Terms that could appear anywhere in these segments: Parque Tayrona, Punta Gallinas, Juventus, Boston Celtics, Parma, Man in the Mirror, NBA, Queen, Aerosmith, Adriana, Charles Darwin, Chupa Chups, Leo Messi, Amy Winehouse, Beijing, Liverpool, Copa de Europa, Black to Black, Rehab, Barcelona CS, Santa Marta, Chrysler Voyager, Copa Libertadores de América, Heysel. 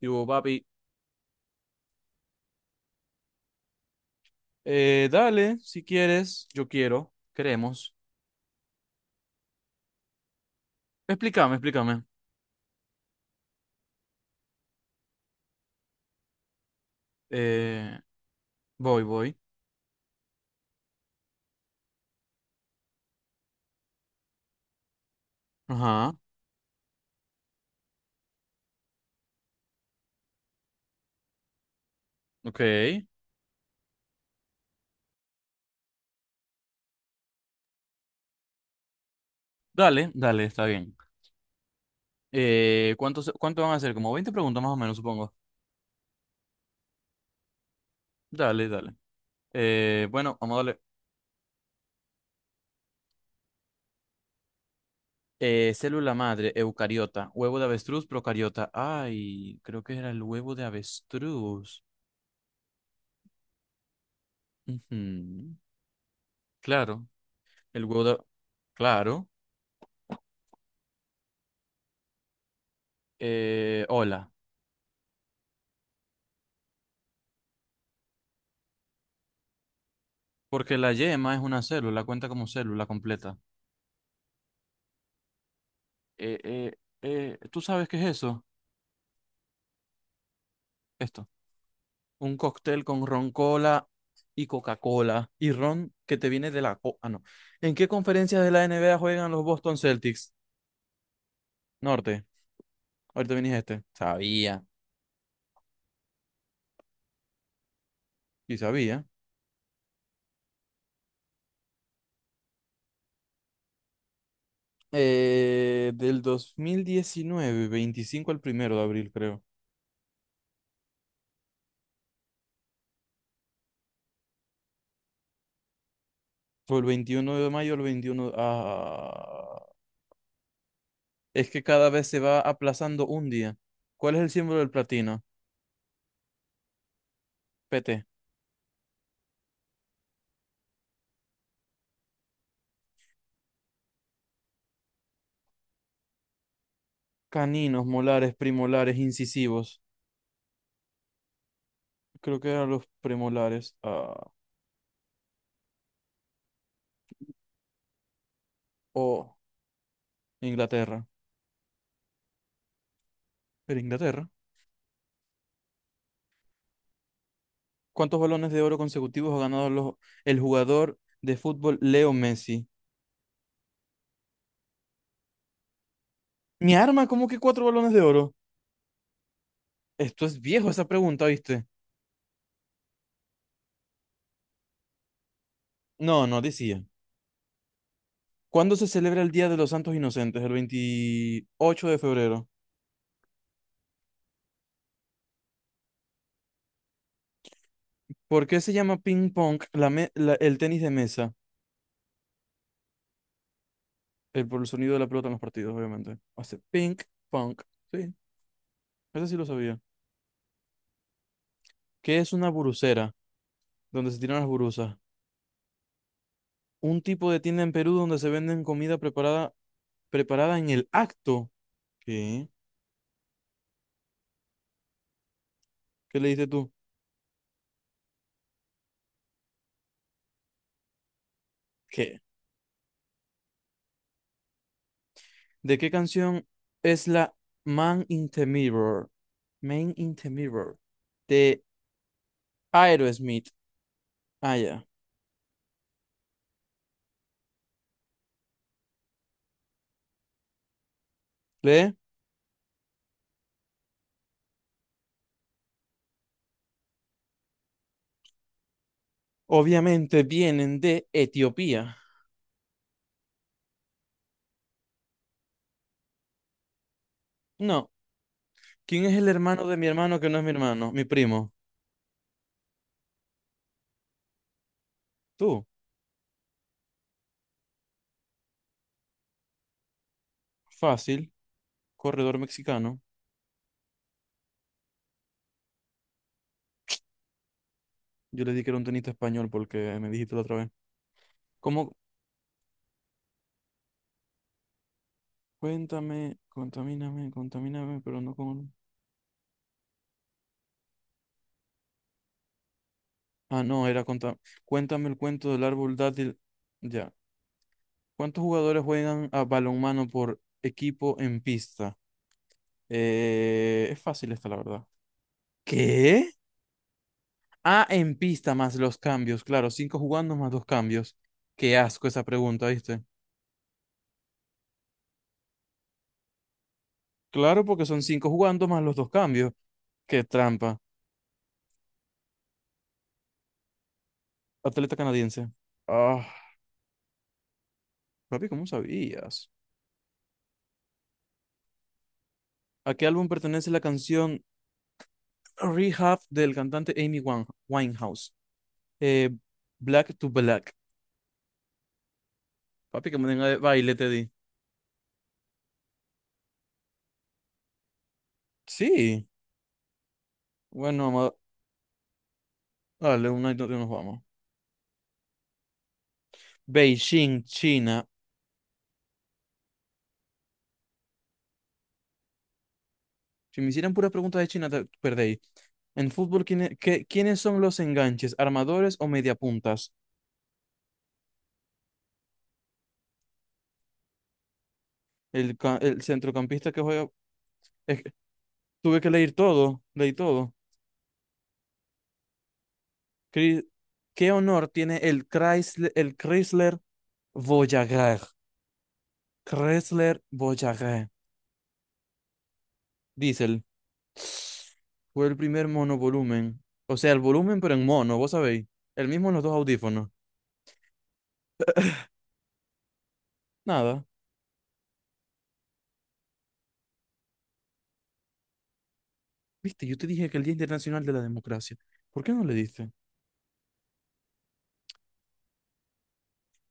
Digo, papi, dale, si quieres, yo quiero, queremos. Explícame, explícame. Eh, voy, voy. Ajá, ok. Dale, dale, está bien. ¿Cuánto van a hacer? Como 20 preguntas más o menos, supongo. Dale, dale. Bueno, vamos a darle. Célula madre, eucariota, huevo de avestruz, procariota. Ay, creo que era el huevo de avestruz. Ujú. Claro, el huevo de... Claro. Hola. Porque la yema es una célula, cuenta como célula completa. Eh, eh, ¿Tú sabes qué es eso? Esto. Un cóctel con ron cola y Coca-Cola y ron que te viene de la... ah, no. ¿En qué conferencias de la NBA juegan los Boston Celtics? Norte. Ahorita viniste este. Sabía. Y sabía. Del 2019 25 al 1 de abril, creo. O el 21 de mayo, el 21. Ah, es que cada vez se va aplazando un día. ¿Cuál es el símbolo del platino? PT. Caninos, molares, primolares, incisivos. Creo que eran los premolares. Ah, o Inglaterra. Pero Inglaterra. ¿Cuántos balones de oro consecutivos ha ganado el jugador de fútbol Leo Messi? Mi arma, ¿cómo que cuatro balones de oro? Esto es viejo esa pregunta, ¿viste? No, no, decía. ¿Cuándo se celebra el Día de los Santos Inocentes? El 28 de febrero. ¿Por qué se llama ping pong el tenis de mesa? Por el sonido de la pelota en los partidos, obviamente. Hace ping pong. Sí, eso sí lo sabía. ¿Qué es una burucera? Donde se tiran las burusas. Un tipo de tienda en Perú donde se venden comida preparada, preparada en el acto. ¿Qué? ¿Qué le dices tú? ¿Qué? ¿De qué canción es la Man in the Mirror? Man in the Mirror. De Aerosmith. Ah, ya. ¿Lee? Obviamente vienen de Etiopía. No. ¿Quién es el hermano de mi hermano que no es mi hermano? Mi primo. Tú. Fácil. Corredor mexicano. Yo le di que era un tenista español porque me dijiste la otra vez. ¿Cómo? Cuéntame, contamíname, contamíname, pero no con... Ah, no, era conta... Cuéntame el cuento del árbol dátil. Ya. ¿Cuántos jugadores juegan a balonmano por equipo en pista? Es fácil esta, la verdad. ¿Qué? Ah, en pista más los cambios, claro, cinco jugando más dos cambios. Qué asco esa pregunta, ¿viste? Claro, porque son cinco jugando más los dos cambios. Qué trampa. Atleta canadiense. Ah. Papi, ¿cómo sabías? ¿A qué álbum pertenece la canción Rehab del cantante Amy Winehouse? Eh, Black to Black. Papi, que me tenga de baile, te di. Sí. Bueno, vamos dale, una y dos y nos vamos. Beijing, China. Si me hicieran puras preguntas de China, te perdéis. En fútbol, ¿quiénes son los enganches? ¿Armadores o mediapuntas? El centrocampista que juega. Es que tuve que leer todo, leí todo. Cri- ¿Qué honor tiene el Chrysler Voyager. Chrysler Voyager. Diesel. Fue el primer monovolumen. O sea, el volumen, pero en mono, vos sabéis. El mismo en los dos audífonos. Nada. Viste, yo te dije que el Día Internacional de la Democracia. ¿Por qué no le diste?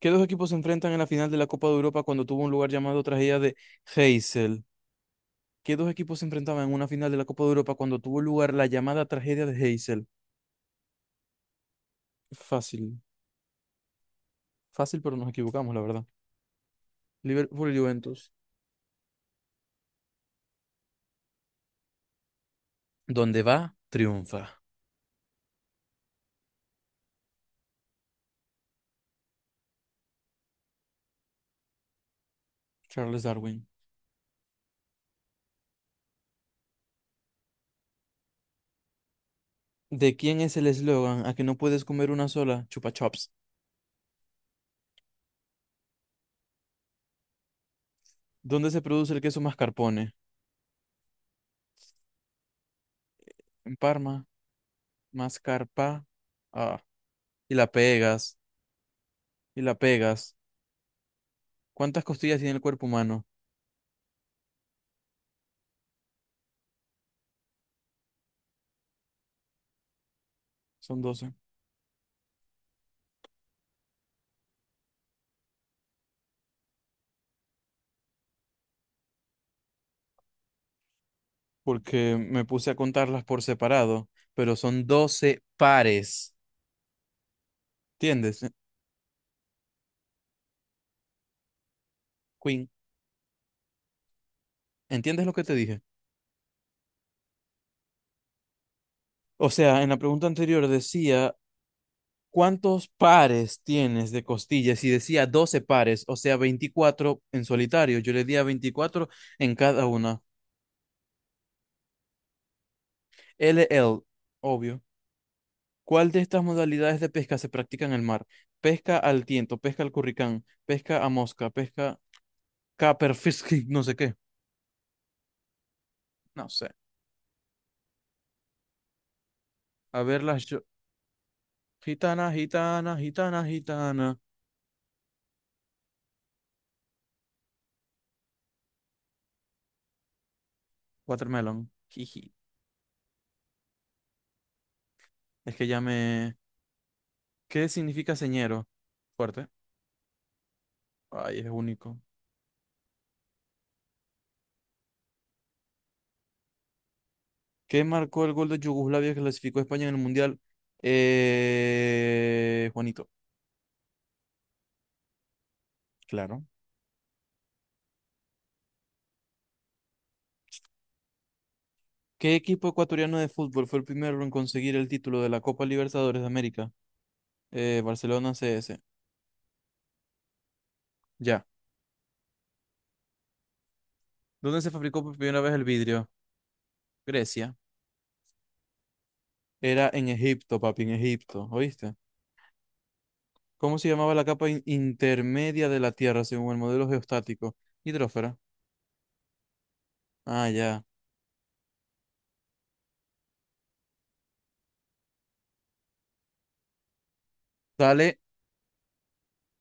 ¿Qué dos equipos se enfrentan en la final de la Copa de Europa cuando tuvo un lugar llamado tragedia de Heysel? ¿Qué dos equipos se enfrentaban en una final de la Copa de Europa cuando tuvo lugar la llamada tragedia de Heysel? Fácil. Fácil, pero nos equivocamos, la verdad. Liverpool y Juventus. Donde va, triunfa. Charles Darwin. ¿De quién es el eslogan a que no puedes comer una sola? Chupa Chups. ¿Dónde se produce el queso mascarpone? En Parma. Mascarpa. Ah, y la pegas. Y la pegas. ¿Cuántas costillas tiene el cuerpo humano? Son 12. Porque me puse a contarlas por separado, pero son 12 pares. ¿Entiendes? Queen, ¿entiendes lo que te dije? O sea, en la pregunta anterior decía ¿cuántos pares tienes de costillas? Y decía 12 pares, o sea, 24 en solitario. Yo le di a 24 en cada una. LL, obvio. ¿Cuál de estas modalidades de pesca se practica en el mar? Pesca al tiento, pesca al curricán, pesca a mosca, pesca caperfisk, no sé qué. No sé. A ver las gitana, gitana, gitana, gitana. Watermelon. Jiji. Es que ya me... ¿Qué significa señero? Fuerte. Ay, es único. ¿Qué marcó el gol de Yugoslavia que clasificó a España en el Mundial? Juanito, claro. ¿Qué equipo ecuatoriano de fútbol fue el primero en conseguir el título de la Copa Libertadores de América? Barcelona CS. Ya. ¿Dónde se fabricó por primera vez el vidrio? Grecia. Era en Egipto, papi, en Egipto, ¿oíste? ¿Cómo se llamaba la capa intermedia de la Tierra según el modelo geostático? Hidrófera. Ah, ya. Dale.